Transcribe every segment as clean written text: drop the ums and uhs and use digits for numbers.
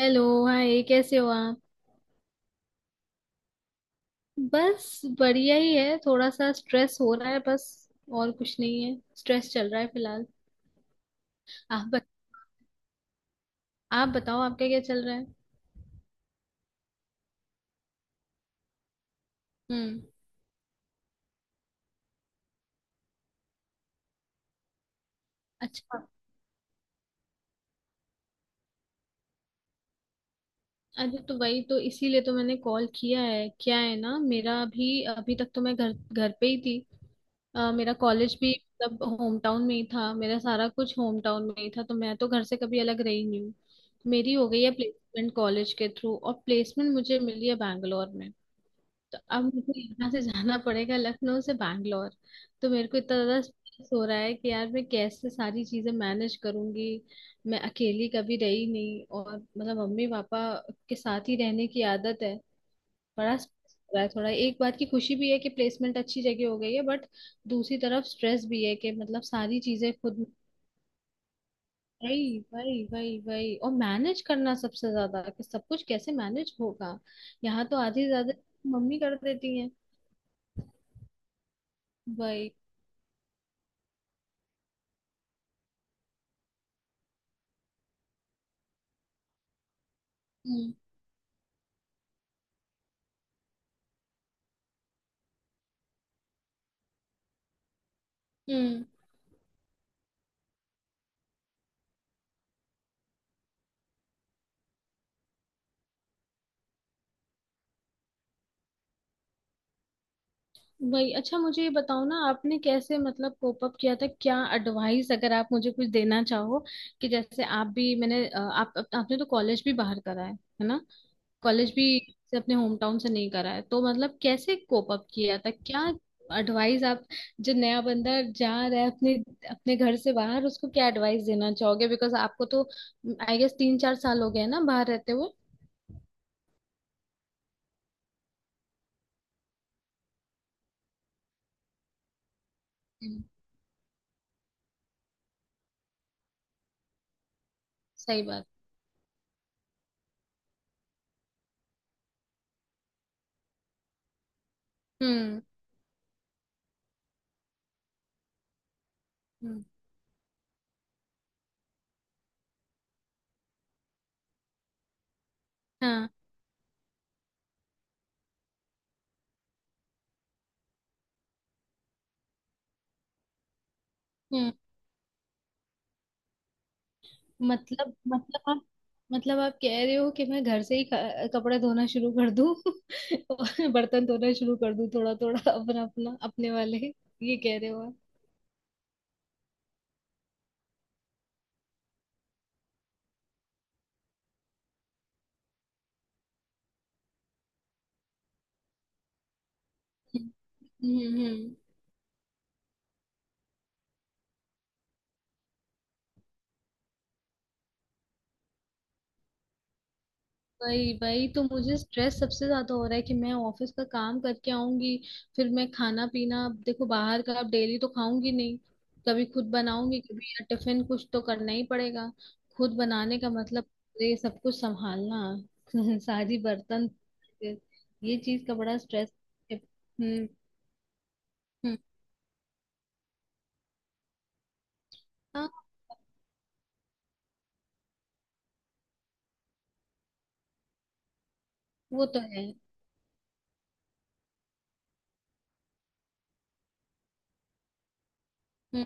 Hello. Hi, कैसे हो आप? बस बढ़िया ही है, थोड़ा सा स्ट्रेस हो रहा है बस। और कुछ नहीं है, स्ट्रेस चल रहा है फिलहाल। आप बत, आप बताओ, आपका क्या चल रहा है? हम्म। अच्छा। अरे तो वही तो, इसीलिए तो मैंने कॉल किया है। क्या है ना, मेरा अभी अभी तक तो मैं घर घर पे ही थी। मेरा कॉलेज भी मतलब होम टाउन में ही था, मेरा सारा कुछ होम टाउन में ही था, तो मैं तो घर से कभी अलग रही नहीं हूँ। मेरी हो गई है प्लेसमेंट कॉलेज के थ्रू, और प्लेसमेंट मुझे मिली है बैंगलोर में। तो अब मुझे यहाँ से जाना पड़ेगा, लखनऊ से बैंगलोर। तो मेरे को इतना ज्यादा स्ट्रेस हो रहा है कि यार मैं कैसे सारी चीजें मैनेज करूंगी। मैं अकेली कभी रही नहीं, और मतलब मम्मी पापा के साथ ही रहने की आदत है। बड़ा स्ट्रेस हो रहा है थोड़ा। एक बात की खुशी भी है कि प्लेसमेंट अच्छी जगह हो गई है, बट दूसरी तरफ स्ट्रेस भी है कि मतलब सारी चीजें खुद। वही वही वही वही। और मैनेज करना सबसे ज्यादा, कि सब कुछ कैसे मैनेज होगा। यहाँ तो आधी से ज्यादा मम्मी कर देती है। वही। हम्म। वही। अच्छा मुझे ये बताओ ना, आपने कैसे मतलब कोप अप किया था? क्या एडवाइस अगर आप मुझे कुछ देना चाहो, कि जैसे आप भी, मैंने अ, आप- आपने तो कॉलेज भी बाहर करा है ना? कॉलेज भी से अपने होम टाउन से नहीं करा है, तो मतलब कैसे कोप अप किया था? क्या एडवाइस आप जो नया बंदा जा रहा है अपने अपने घर से बाहर, उसको क्या एडवाइस देना चाहोगे? बिकॉज आपको तो आई गेस तीन चार साल हो गए हैं ना बाहर रहते हुए। हम्म, सही बात। हम्म। हम्म। हाँ। हम्म। मतलब मतलब आप आप कह रहे हो कि मैं घर से ही कपड़े धोना शुरू कर दूं और बर्तन धोना शुरू कर दूं, थोड़ा थोड़ा अपना अपना अपने वाले, ये कह रहे हो आप? हम्म हम्म हम्म। वही वही, तो मुझे स्ट्रेस सबसे ज्यादा हो रहा है कि मैं ऑफिस का काम करके आऊंगी, फिर मैं खाना पीना, अब देखो बाहर का अब डेली तो खाऊंगी नहीं, कभी खुद बनाऊंगी कभी या टिफिन, कुछ तो करना ही पड़ेगा। खुद बनाने का मतलब तो ये सब कुछ संभालना सारी बर्तन, ये चीज का बड़ा स्ट्रेस है। हम्म हाँ। वो तो है। हम्म।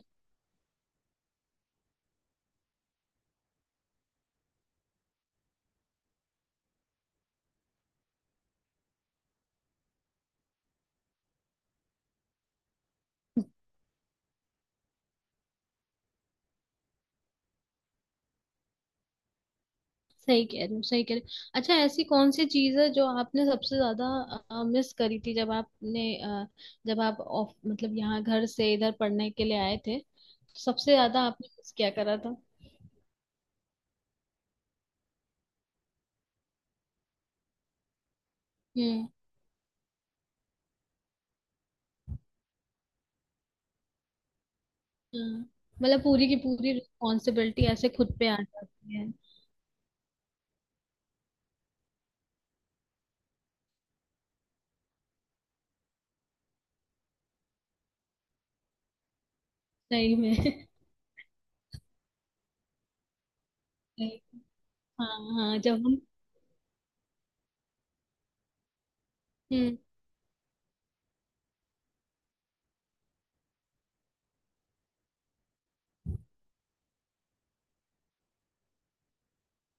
सही कह रहे हो, सही कह रहे हो। अच्छा ऐसी कौन सी चीज है जो आपने सबसे ज्यादा मिस करी थी जब जब आप ऑफ मतलब यहाँ घर से इधर पढ़ने के लिए आए थे, तो सबसे ज्यादा आपने मिस क्या करा था? हम्म। हाँ। मतलब पूरी की पूरी रिस्पॉन्सिबिलिटी ऐसे खुद पे आ जाती है। सही में हाँ हाँ जब हम हम्म।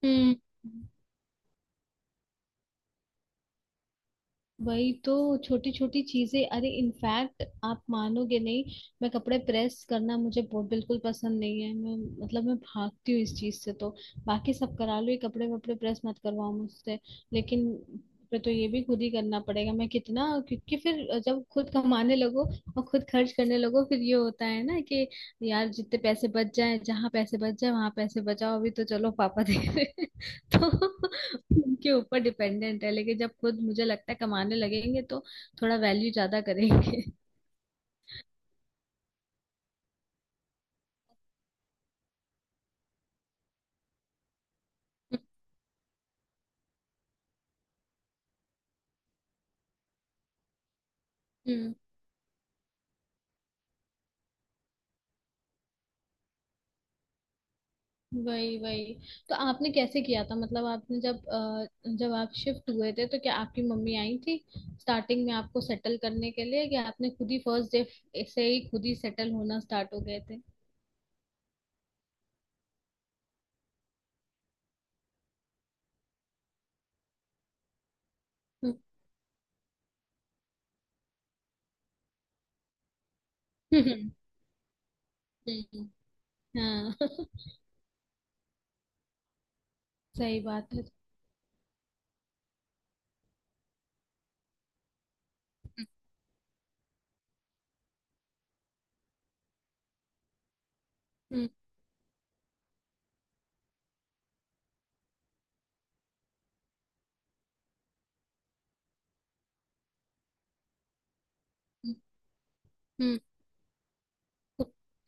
हम्म। वही तो, छोटी छोटी चीजें। अरे इनफैक्ट आप मानोगे नहीं, मैं कपड़े प्रेस करना, मुझे बहुत बिल्कुल पसंद नहीं है। मैं भागती हूँ इस चीज से। तो बाकी सब करा लो, ये कपड़े वपड़े प्रेस मत करवाओ मुझसे। लेकिन फिर तो ये भी खुद ही करना पड़ेगा। मैं कितना, क्योंकि फिर जब खुद कमाने लगो और खुद खर्च करने लगो, फिर ये होता है ना कि यार जितने पैसे बच जाए, जहाँ पैसे बच जाए वहां पैसे बचाओ, अभी तो चलो पापा दे रहे हैं। तो उनके ऊपर डिपेंडेंट है, लेकिन जब खुद मुझे लगता है कमाने लगेंगे तो थोड़ा वैल्यू ज्यादा करेंगे। हम्म। वही वही, तो आपने कैसे किया था मतलब, जब आप शिफ्ट हुए थे तो क्या आपकी मम्मी आई थी स्टार्टिंग में आपको सेटल करने के लिए, कि आपने खुद ही फर्स्ट डे से ही खुद ही सेटल होना स्टार्ट हो गए थे? हम्म हम्म, हम्म, हाँ सही बात है। हम्म। हम्म।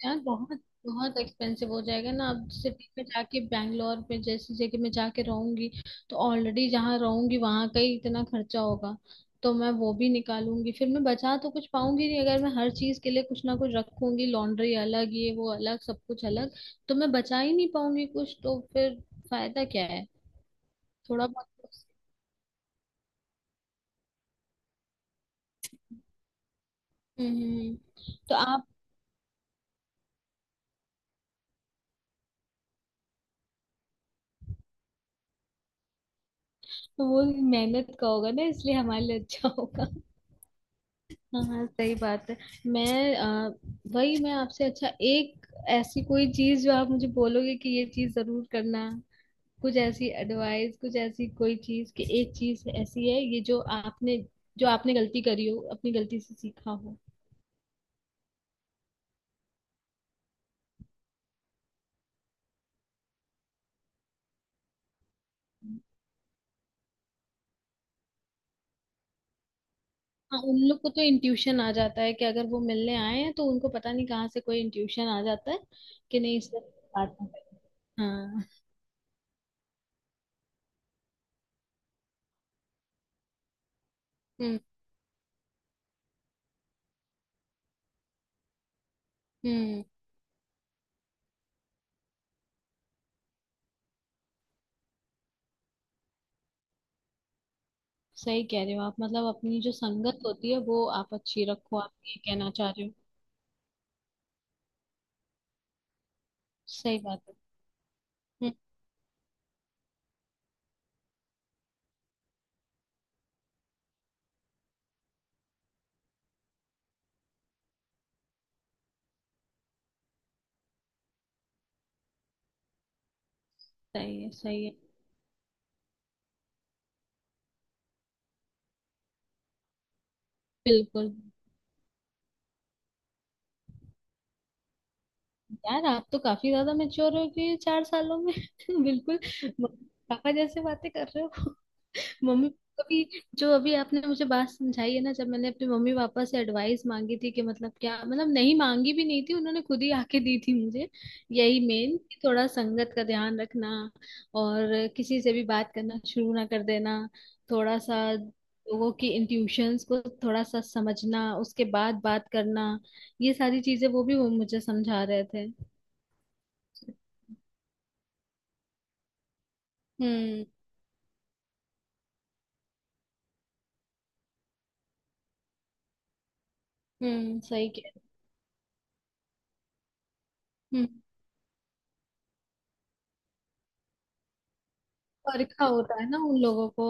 यार बहुत, बहुत एक्सपेंसिव हो जाएगा ना, अब सिटी में जाके बैंगलोर में जैसी जगह में जाके रहूंगी, तो ऑलरेडी जहाँ रहूंगी वहां का ही इतना खर्चा होगा, तो मैं वो भी निकालूंगी, फिर मैं बचा तो कुछ पाऊंगी नहीं अगर मैं हर चीज के लिए कुछ ना कुछ रखूंगी, लॉन्ड्री अलग, ये वो अलग, सब कुछ अलग, तो मैं बचा ही नहीं पाऊंगी कुछ, तो फिर फायदा क्या है? थोड़ा बहुत। हम्म हम्म, हम्म। तो आप, तो वो मेहनत का होगा ना, इसलिए हमारे लिए अच्छा होगा। हाँ हाँ, सही बात है। मैं अ, वही, मैं आपसे अच्छा, एक ऐसी कोई चीज जो आप मुझे बोलोगे कि ये चीज जरूर करना, कुछ ऐसी एडवाइस, कुछ ऐसी कोई चीज कि एक चीज ऐसी है ये जो आपने, जो आपने गलती करी हो, अपनी गलती से सीखा हो। हाँ, उन लोग को तो इंट्यूशन आ जाता है कि अगर वो मिलने आए हैं तो उनको पता नहीं कहाँ से कोई इंट्यूशन आ जाता है कि नहीं, इससे बात नहीं करनी। हाँ। हम्म। हम्म। सही कह रहे हो आप, मतलब अपनी जो संगत होती है वो आप अच्छी रखो, आप ये कहना चाह रहे हो। सही बात है। हम्म, सही है सही है। बिल्कुल। यार आप तो काफी ज्यादा मेच्योर हो गए चार सालों में बिल्कुल, म- पापा जैसे बातें कर रहे हो। मम्मी कभी, जो अभी आपने मुझे बात समझाई है ना, जब मैंने अपने मम्मी पापा से एडवाइस मांगी थी कि मतलब क्या, मतलब नहीं मांगी भी नहीं थी, उन्होंने खुद ही आके दी थी मुझे, यही मेन कि थोड़ा संगत का ध्यान रखना और किसी से भी बात करना शुरू ना कर देना, थोड़ा सा लोगों की इंट्यूशंस को थोड़ा सा समझना उसके बाद बात करना, ये सारी चीजें वो भी, वो मुझे समझा रहे थे। हम्म। हम्म, सही कह रहे। परीक्षा होता है ना उन लोगों को।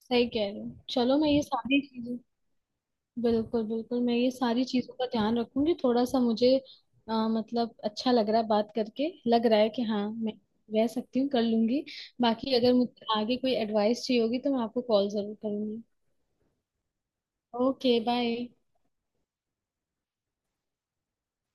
सही कह रहे हो, चलो मैं ये सारी चीजें। बिल्कुल बिल्कुल, मैं ये सारी चीजों का ध्यान रखूंगी। थोड़ा सा मुझे मतलब अच्छा लग रहा है बात करके, लग रहा है कि हाँ मैं रह सकती हूँ, कर लूंगी। बाकी अगर मुझे आगे कोई एडवाइस चाहिए होगी तो मैं आपको कॉल जरूर करूंगी। Okay bye.